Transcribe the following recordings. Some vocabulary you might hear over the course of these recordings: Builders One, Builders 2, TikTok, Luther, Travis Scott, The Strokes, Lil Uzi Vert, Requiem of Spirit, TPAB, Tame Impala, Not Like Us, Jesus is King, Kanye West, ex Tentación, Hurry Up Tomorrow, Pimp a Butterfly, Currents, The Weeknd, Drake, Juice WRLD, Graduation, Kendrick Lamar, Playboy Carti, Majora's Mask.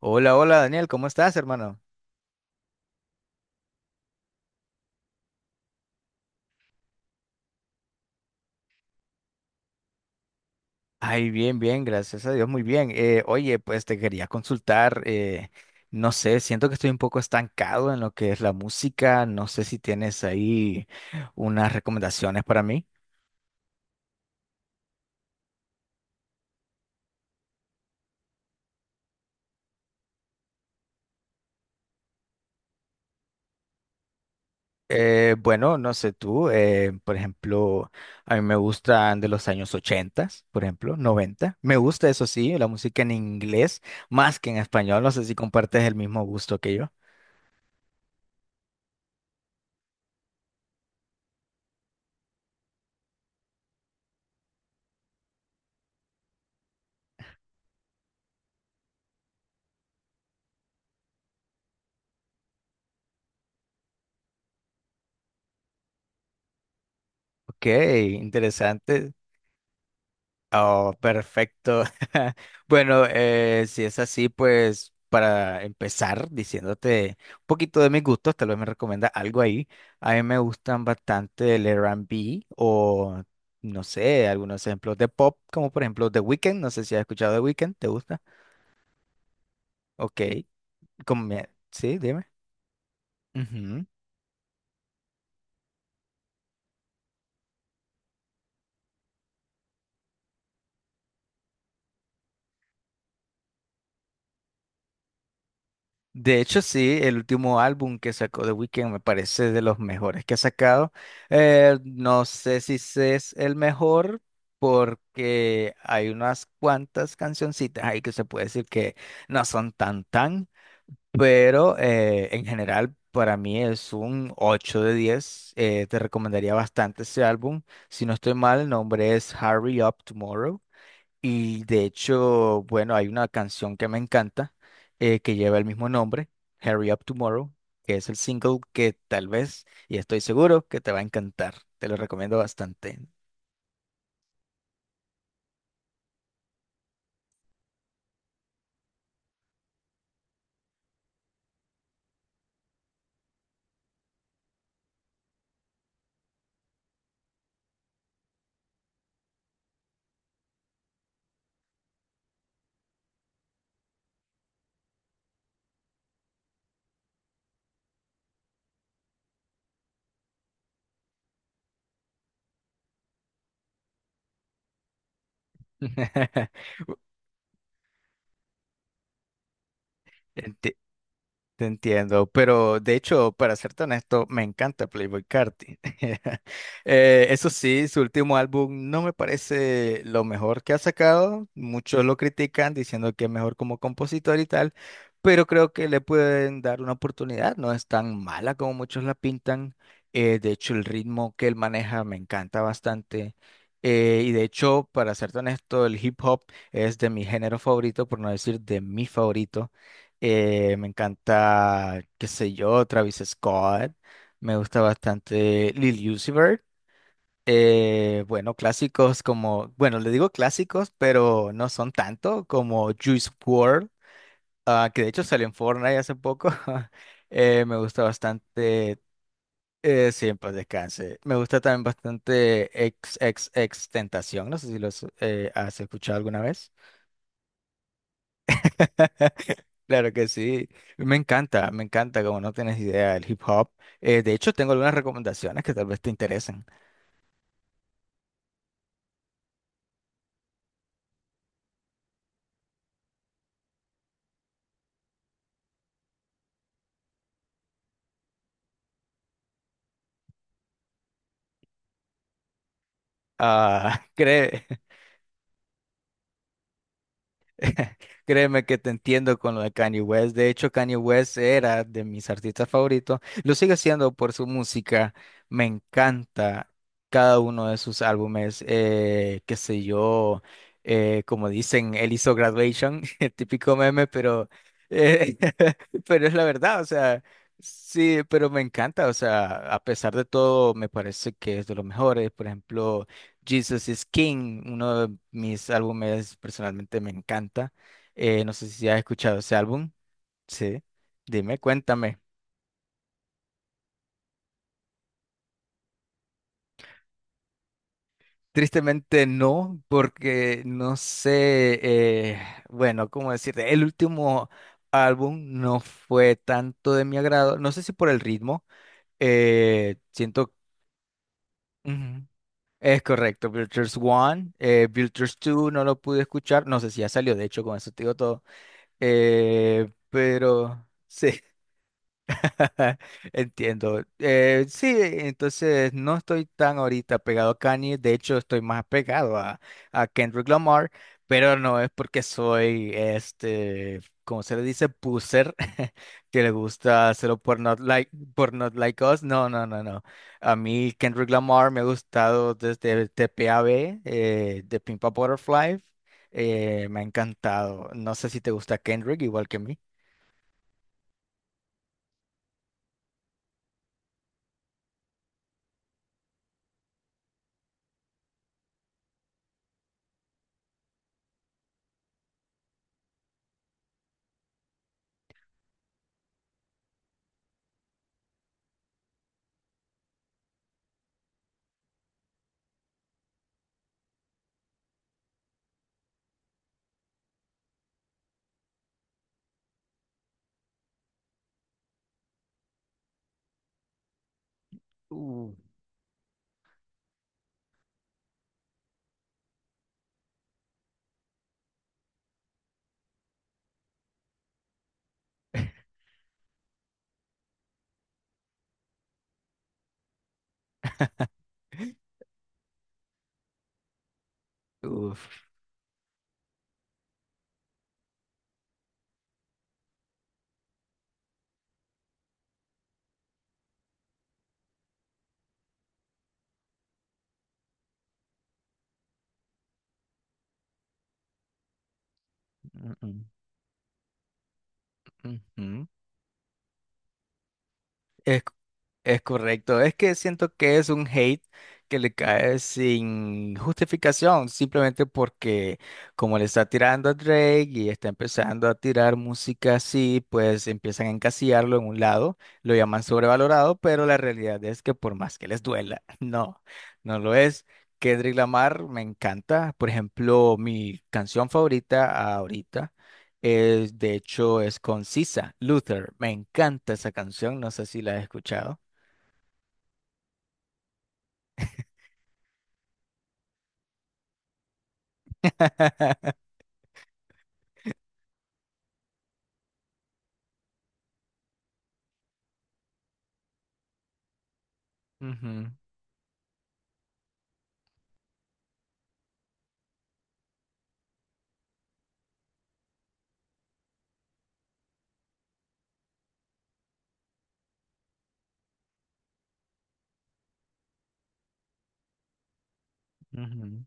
Hola, hola Daniel, ¿cómo estás, hermano? Ay, bien, bien, gracias a Dios, muy bien. Oye, pues te quería consultar, no sé, siento que estoy un poco estancado en lo que es la música, no sé si tienes ahí unas recomendaciones para mí. Bueno, no sé tú, por ejemplo, a mí me gustan de los años 80, por ejemplo, noventa. Me gusta, eso sí, la música en inglés más que en español, no sé si compartes el mismo gusto que yo. Ok, interesante. Oh, perfecto. Bueno, si es así, pues para empezar diciéndote un poquito de mis gustos, tal vez me recomienda algo ahí. A mí me gustan bastante el R&B o, no sé, algunos ejemplos de pop, como por ejemplo The Weeknd. No sé si has escuchado The Weeknd, ¿te gusta? Ok, sí, dime. Ujú. De hecho, sí, el último álbum que sacó The Weeknd me parece de los mejores que ha sacado. No sé si ese es el mejor porque hay unas cuantas cancioncitas ahí que se puede decir que no son tan tan, pero en general para mí es un 8 de 10. Te recomendaría bastante ese álbum. Si no estoy mal, el nombre es Hurry Up Tomorrow. Y de hecho, bueno, hay una canción que me encanta que lleva el mismo nombre, Hurry Up Tomorrow, que es el single que tal vez, y estoy seguro que te va a encantar. Te lo recomiendo bastante. Enti- Te entiendo, pero de hecho, para serte honesto, me encanta Playboy Carti. Eso sí, su último álbum no me parece lo mejor que ha sacado. Muchos lo critican diciendo que es mejor como compositor y tal, pero creo que le pueden dar una oportunidad. No es tan mala como muchos la pintan. De hecho, el ritmo que él maneja me encanta bastante. Y de hecho, para serte honesto, el hip hop es de mi género favorito, por no decir de mi favorito. Me encanta, qué sé yo, Travis Scott. Me gusta bastante Lil Uzi Vert. Bueno, clásicos como, bueno, le digo clásicos, pero no son tanto como Juice WRLD, ah, que de hecho salió en Fortnite hace poco. Me gusta bastante, siempre descanse. Me gusta también bastante ex Tentación. No sé si los has escuchado alguna vez. Claro que sí, me encanta, como no tienes idea del hip hop. De hecho, tengo algunas recomendaciones que tal vez te interesen. Ah, cree. Créeme que te entiendo con lo de Kanye West. De hecho, Kanye West era de mis artistas favoritos. Lo sigue siendo por su música. Me encanta cada uno de sus álbumes. Qué sé yo, como dicen, él hizo Graduation, el típico meme, pero, eh, pero es la verdad. O sea, sí, pero me encanta. O sea, a pesar de todo, me parece que es de los mejores. Por ejemplo. Jesus is King, uno de mis álbumes personalmente me encanta. No sé si has escuchado ese álbum. Sí, dime, cuéntame. Tristemente no, porque no sé, bueno, cómo decirte, el último álbum no fue tanto de mi agrado, no sé si por el ritmo, siento, ujú, es correcto, Builders One, Builders 2 no lo pude escuchar, no sé si ya salió, de hecho, con eso te digo todo, pero sí. Entiendo. Sí, entonces no estoy tan ahorita pegado a Kanye, de hecho estoy más pegado a Kendrick Lamar, pero no es porque soy, este, como se le dice, puser, que le gusta hacerlo por Not Like Us. No, no, no, no. A mí Kendrick Lamar me ha gustado desde TPAB, de Pimp a Butterfly, me ha encantado. No sé si te gusta Kendrick igual que a mí. Uh, Uf. Mm, mm. Ujú. Es, es correcto. Es que siento que es un hate que le cae sin justificación, simplemente porque como le está tirando a Drake y está empezando a tirar música así, pues empiezan a encasillarlo en un lado, lo llaman sobrevalorado, pero la realidad es que por más que les duela, no, no lo es. Kendrick Lamar me encanta. Por ejemplo, mi canción favorita ahorita. Es, de hecho, es concisa. Luther, me encanta esa canción, no sé si la has escuchado. Ujú, ujú.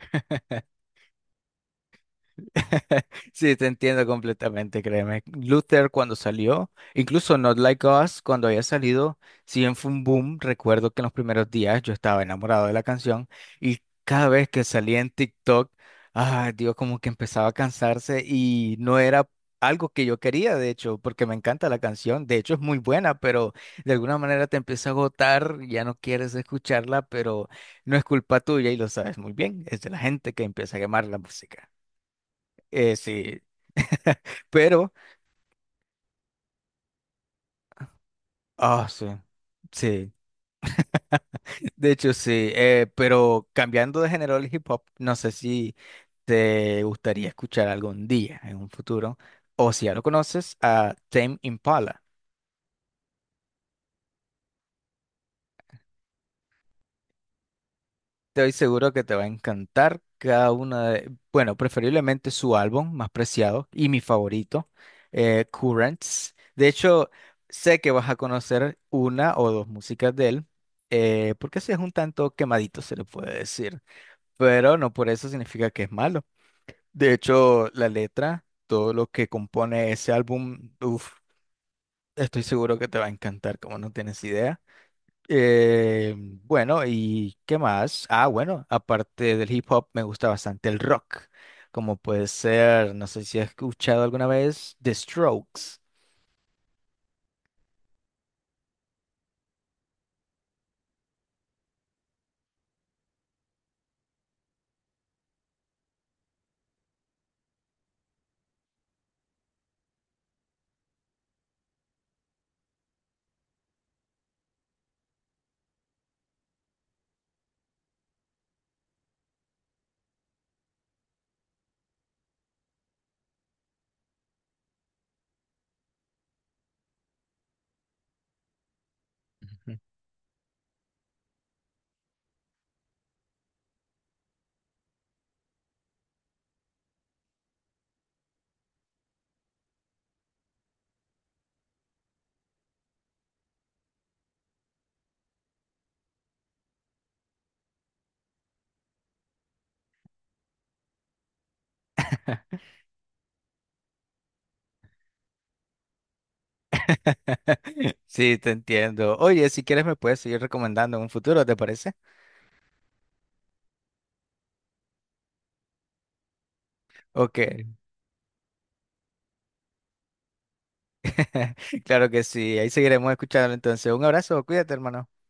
Sí, te entiendo completamente, créeme. Luther cuando salió, incluso Not Like Us cuando había salido, si bien fue un boom, recuerdo que en los primeros días yo estaba enamorado de la canción y cada vez que salía en TikTok, ah, Dios, como que empezaba a cansarse y no era algo que yo quería, de hecho, porque me encanta la canción, de hecho es muy buena, pero de alguna manera te empieza a agotar, ya no quieres escucharla, pero no es culpa tuya y lo sabes muy bien, es de la gente que empieza a quemar la música. Sí, pero, ah, sí, sí, de hecho sí, pero cambiando de género al hip hop, no sé si te gustaría escuchar algún día en un futuro, o si ya lo conoces, a Tame Impala. Estoy seguro que te va a encantar cada una de, bueno, preferiblemente su álbum más preciado y mi favorito, Currents. De hecho, sé que vas a conocer una o dos músicas de él, porque ese es un tanto quemadito, se le puede decir. Pero no por eso significa que es malo. De hecho, la letra, todo lo que compone ese álbum, uf, estoy seguro que te va a encantar, como no tienes idea. Bueno, ¿y qué más? Ah, bueno, aparte del hip hop, me gusta bastante el rock, como puede ser, no sé si has escuchado alguna vez, The Strokes. Ujú. Sí, te entiendo. Oye, si quieres me puedes seguir recomendando en un futuro, ¿te parece? Ok. Claro que sí, ahí seguiremos escuchando entonces. Un abrazo, cuídate, hermano.